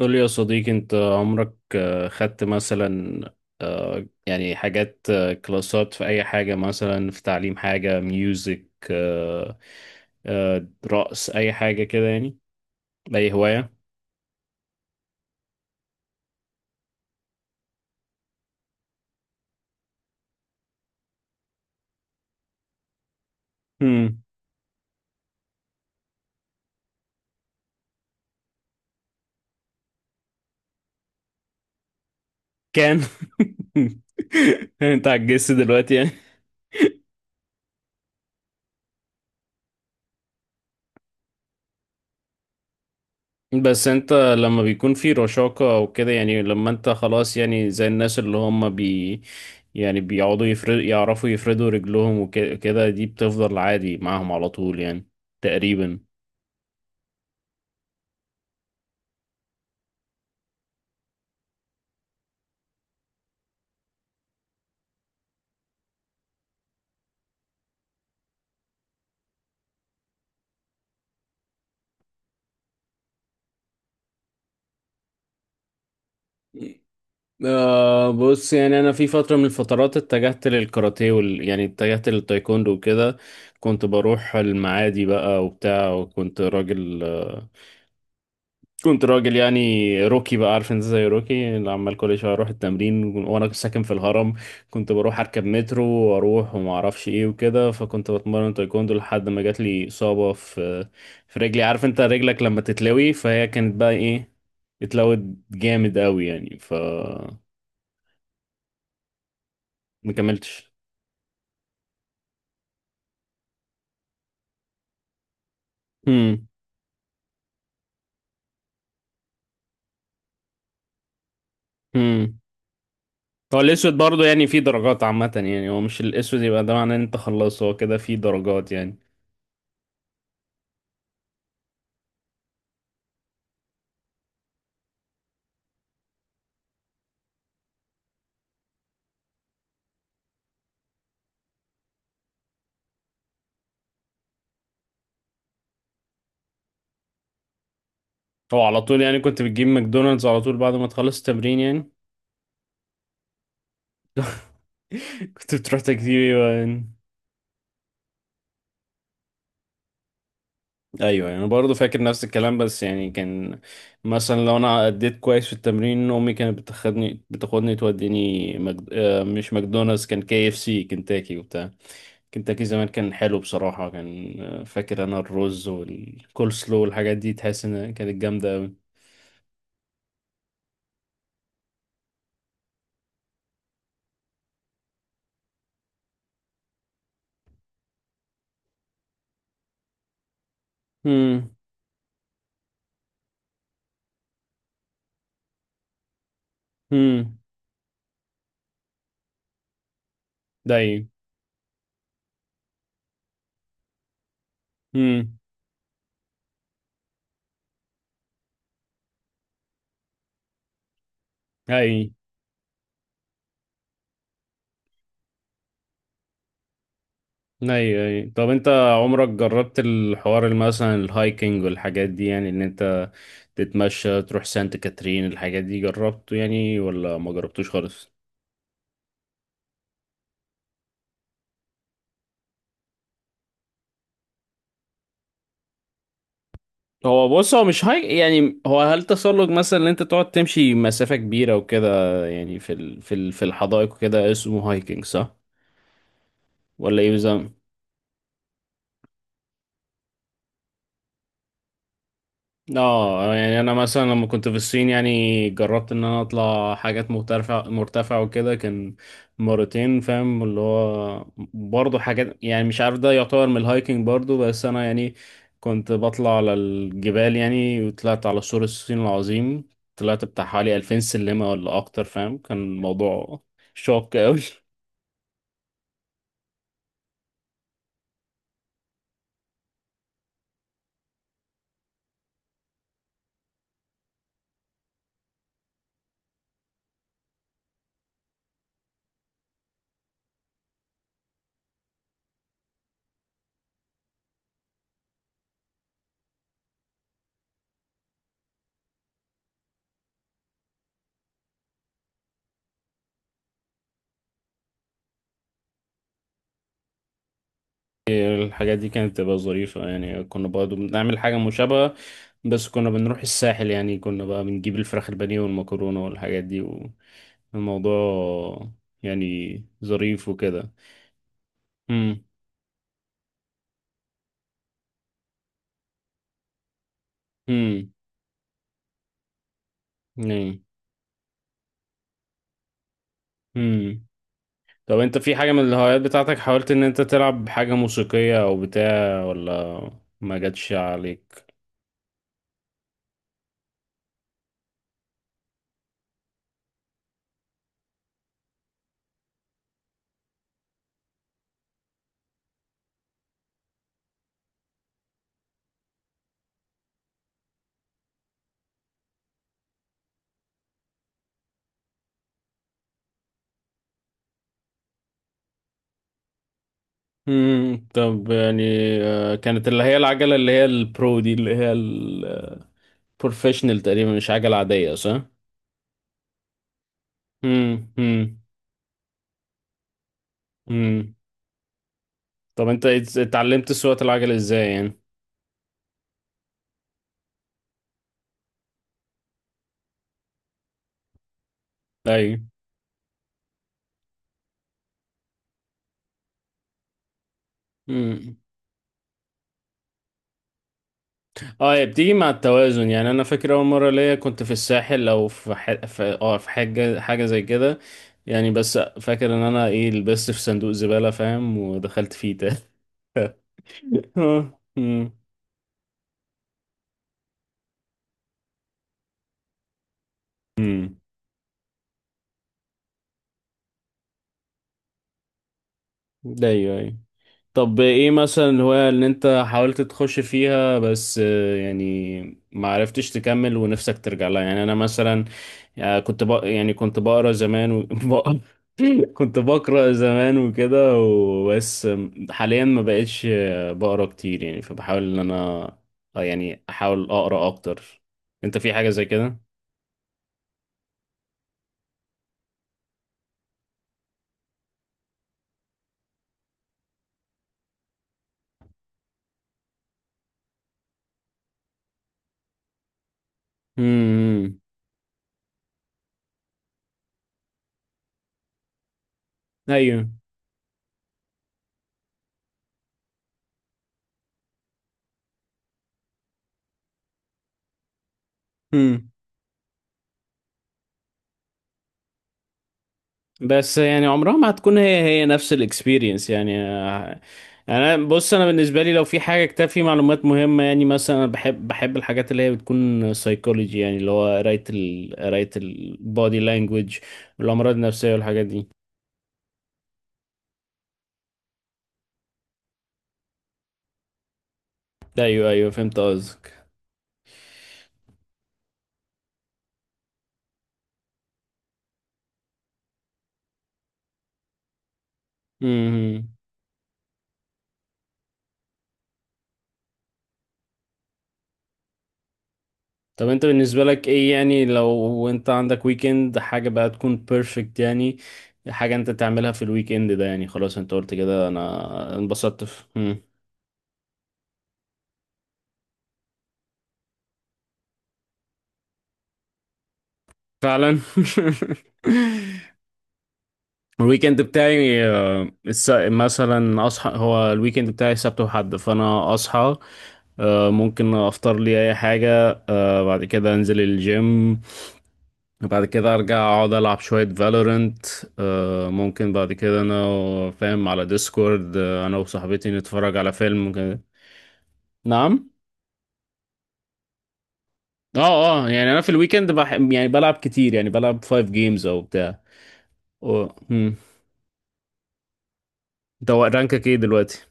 قول لي يا صديقي، انت عمرك خدت مثلا يعني حاجات كلاسات في اي حاجة، مثلا في تعليم حاجة ميوزك، رقص اي حاجة كده يعني؟ اي هواية؟ مم. كان انت عجزت دلوقتي يعني؟ بس انت لما بيكون في رشاقة او كده، يعني لما انت خلاص يعني زي الناس اللي هم بي، يعني بيقعدوا يعرفوا يفردوا رجلهم وكده، دي بتفضل عادي معاهم على طول يعني، تقريبا. آه بص يعني انا في فتره من الفترات اتجهت للكاراتيه يعني اتجهت للتايكوندو وكده. كنت بروح المعادي بقى وبتاع، وكنت راجل كنت راجل يعني روكي بقى، عارف انت زي روكي، اللي عمال كل شويه اروح التمرين وانا ساكن في الهرم. كنت بروح اركب مترو واروح وما اعرفش ايه وكده، فكنت بتمرن تايكوندو لحد ما جات لي اصابه في رجلي. عارف انت رجلك لما تتلوي، فهي كانت بقى ايه، اتلوت جامد قوي يعني ف، ما كملتش. امم. امم. هو الاسود برضه يعني فيه درجات، عامة يعني هو مش الاسود يبقى ده معناه ان انت خلصت، هو كده فيه درجات يعني. هو على طول يعني كنت بتجيب ماكدونالدز على طول بعد ما تخلص التمرين يعني؟ كنت بتروح تجيب؟ ايوه يعني. ايوه يعني برضه، فاكر نفس الكلام، بس يعني كان مثلا لو انا اديت كويس في التمرين امي كانت بتاخدني توديني مجد... آه، مش ماكدونالدز، كان كي اف سي كنتاكي وبتاع. كنتاكي زمان كان حلو بصراحة، كان فاكر أنا الرز والكول سلو والحاجات دي، تحس إن كانت جامدة أوي. هم. هم. ده إيه؟ هم. أي. أي أي طب أنت عمرك جربت الحوار اللي مثلا الهايكنج والحاجات دي، يعني إن أنت تتمشى تروح سانت كاترين، الحاجات دي جربته يعني ولا ما جربتوش خالص؟ هو بص، هو مش هاي يعني، هو هل تسلق مثلا، ان انت تقعد تمشي مسافة كبيرة وكده يعني، في الحدائق وكده، اسمه هايكنج صح؟ ولا ايه بالظبط؟ اه يعني انا مثلا لما كنت في الصين يعني جربت ان انا اطلع حاجات مرتفع وكده، كان مرتين فاهم اللي هو، برضه حاجات يعني مش عارف ده يعتبر من الهايكنج برضه، بس انا يعني كنت بطلع على الجبال يعني، وطلعت على سور الصين العظيم. طلعت بتاع حوالي 2000 سلمة ولا اكتر، فاهم، كان الموضوع شاق قوي. الحاجات دي كانت بتبقى ظريفة يعني، كنا برضه بنعمل حاجة مشابهة، بس كنا بنروح الساحل يعني، كنا بقى بنجيب الفراخ البانيه والمكرونة والحاجات دي، والموضوع يعني ظريف وكده. امم. امم. نعم. امم. طب انت في حاجة من الهوايات بتاعتك حاولت ان انت تلعب حاجة موسيقية او بتاع؟ ولا ما جاتش عليك؟ مم. طب يعني كانت اللي هي العجلة اللي هي البرو دي اللي هي البروفيشنال تقريبا، مش عجلة عادية صح؟ مم. مم. مم. طب انت اتعلمت سواقة العجل ازاي يعني؟ ايوه. مم. اه هي بتيجي مع التوازن يعني. انا فاكر اول مرة ليا كنت في الساحل او في ح... في اه في حاجة، زي كده يعني، بس فاكر ان انا ايه لبست في صندوق زبالة فاهم، ودخلت فيه تاني. اه. مم. مم. ايوه ايوه. طب ايه مثلا الهواية اللي انت حاولت تخش فيها بس يعني ما عرفتش تكمل، ونفسك ترجع لها؟ يعني انا مثلا يعني كنت بقرا زمان و... كنت بقرا زمان وكده وبس، حاليا ما بقتش بقرا كتير يعني، فبحاول ان انا يعني احاول اقرا اكتر. انت في حاجة زي كده؟ امم. ايوه. بس يعني عمرها ما هتكون هي هي نفس الاكسبيرينس يعني، انا بص، انا بالنسبه لي لو في حاجه كتاب فيه معلومات مهمه يعني، مثلا انا بحب الحاجات اللي هي بتكون سايكولوجي، يعني اللي هو قرايه البودي لانجوج والامراض النفسيه والحاجات دي. ايوه ايوه فهمت قصدك. امم. طب انت بالنسبه لك ايه يعني لو انت عندك ويكند، حاجه بقى تكون بيرفكت يعني، حاجه انت تعملها في الويكند ده يعني، خلاص انت قلت كده انا انبسطت في. فعلا. الويكند بتاعي مثلا اصحى، هو الويكند بتاعي سبت وحد، فانا اصحى ممكن افطر لي اي حاجه، بعد كده انزل الجيم، بعد كده ارجع اقعد العب شويه فالورنت، ممكن بعد كده انا فاهم على ديسكورد، انا وصاحبتي نتفرج على فيلم كده. نعم. اه اه يعني انا في الويكند يعني بلعب كتير يعني بلعب 5 جيمز او بتاع و... مم. انت رانكك ايه دلوقتي؟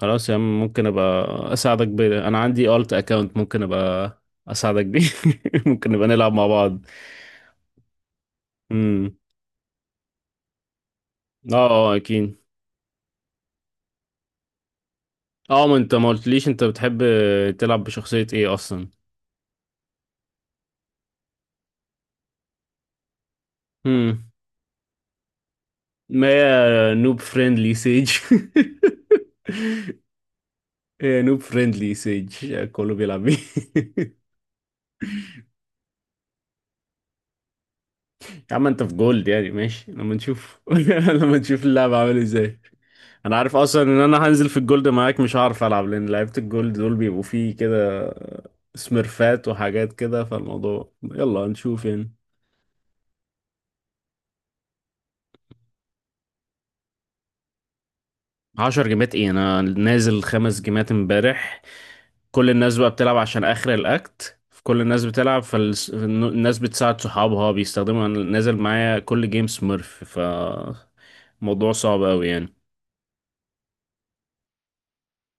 خلاص يا عم، ممكن ابقى انا عندي الت اكاونت، ممكن ابقى اساعدك بيه. ممكن نبقى نلعب مع بعض. امم. اه اه اكيد. اه ما انت ما قلتليش انت بتحب تلعب بشخصية ايه اصلا؟ امم. ما هي نوب فريندلي سيج. هي نوب فريندلي سيج، كله بيلعب بيه. يا عم انت في جولد يعني ماشي، لما نشوف لما نشوف اللعبة عامل ازاي. انا عارف اصلا ان انا هنزل في الجولد معاك مش هعرف العب، لان لعيبه الجولد دول بيبقوا فيه كده سميرفات وحاجات كده، فالموضوع يلا هنشوف يعني. عشر جيمات ايه، انا نازل خمس جيمات امبارح. كل الناس بقى بتلعب عشان اخر الاكت، كل الناس بتلعب فالناس بتساعد صحابها بيستخدموا، أنا نازل معايا كل جيم سميرف، ف الموضوع صعب قوي يعني.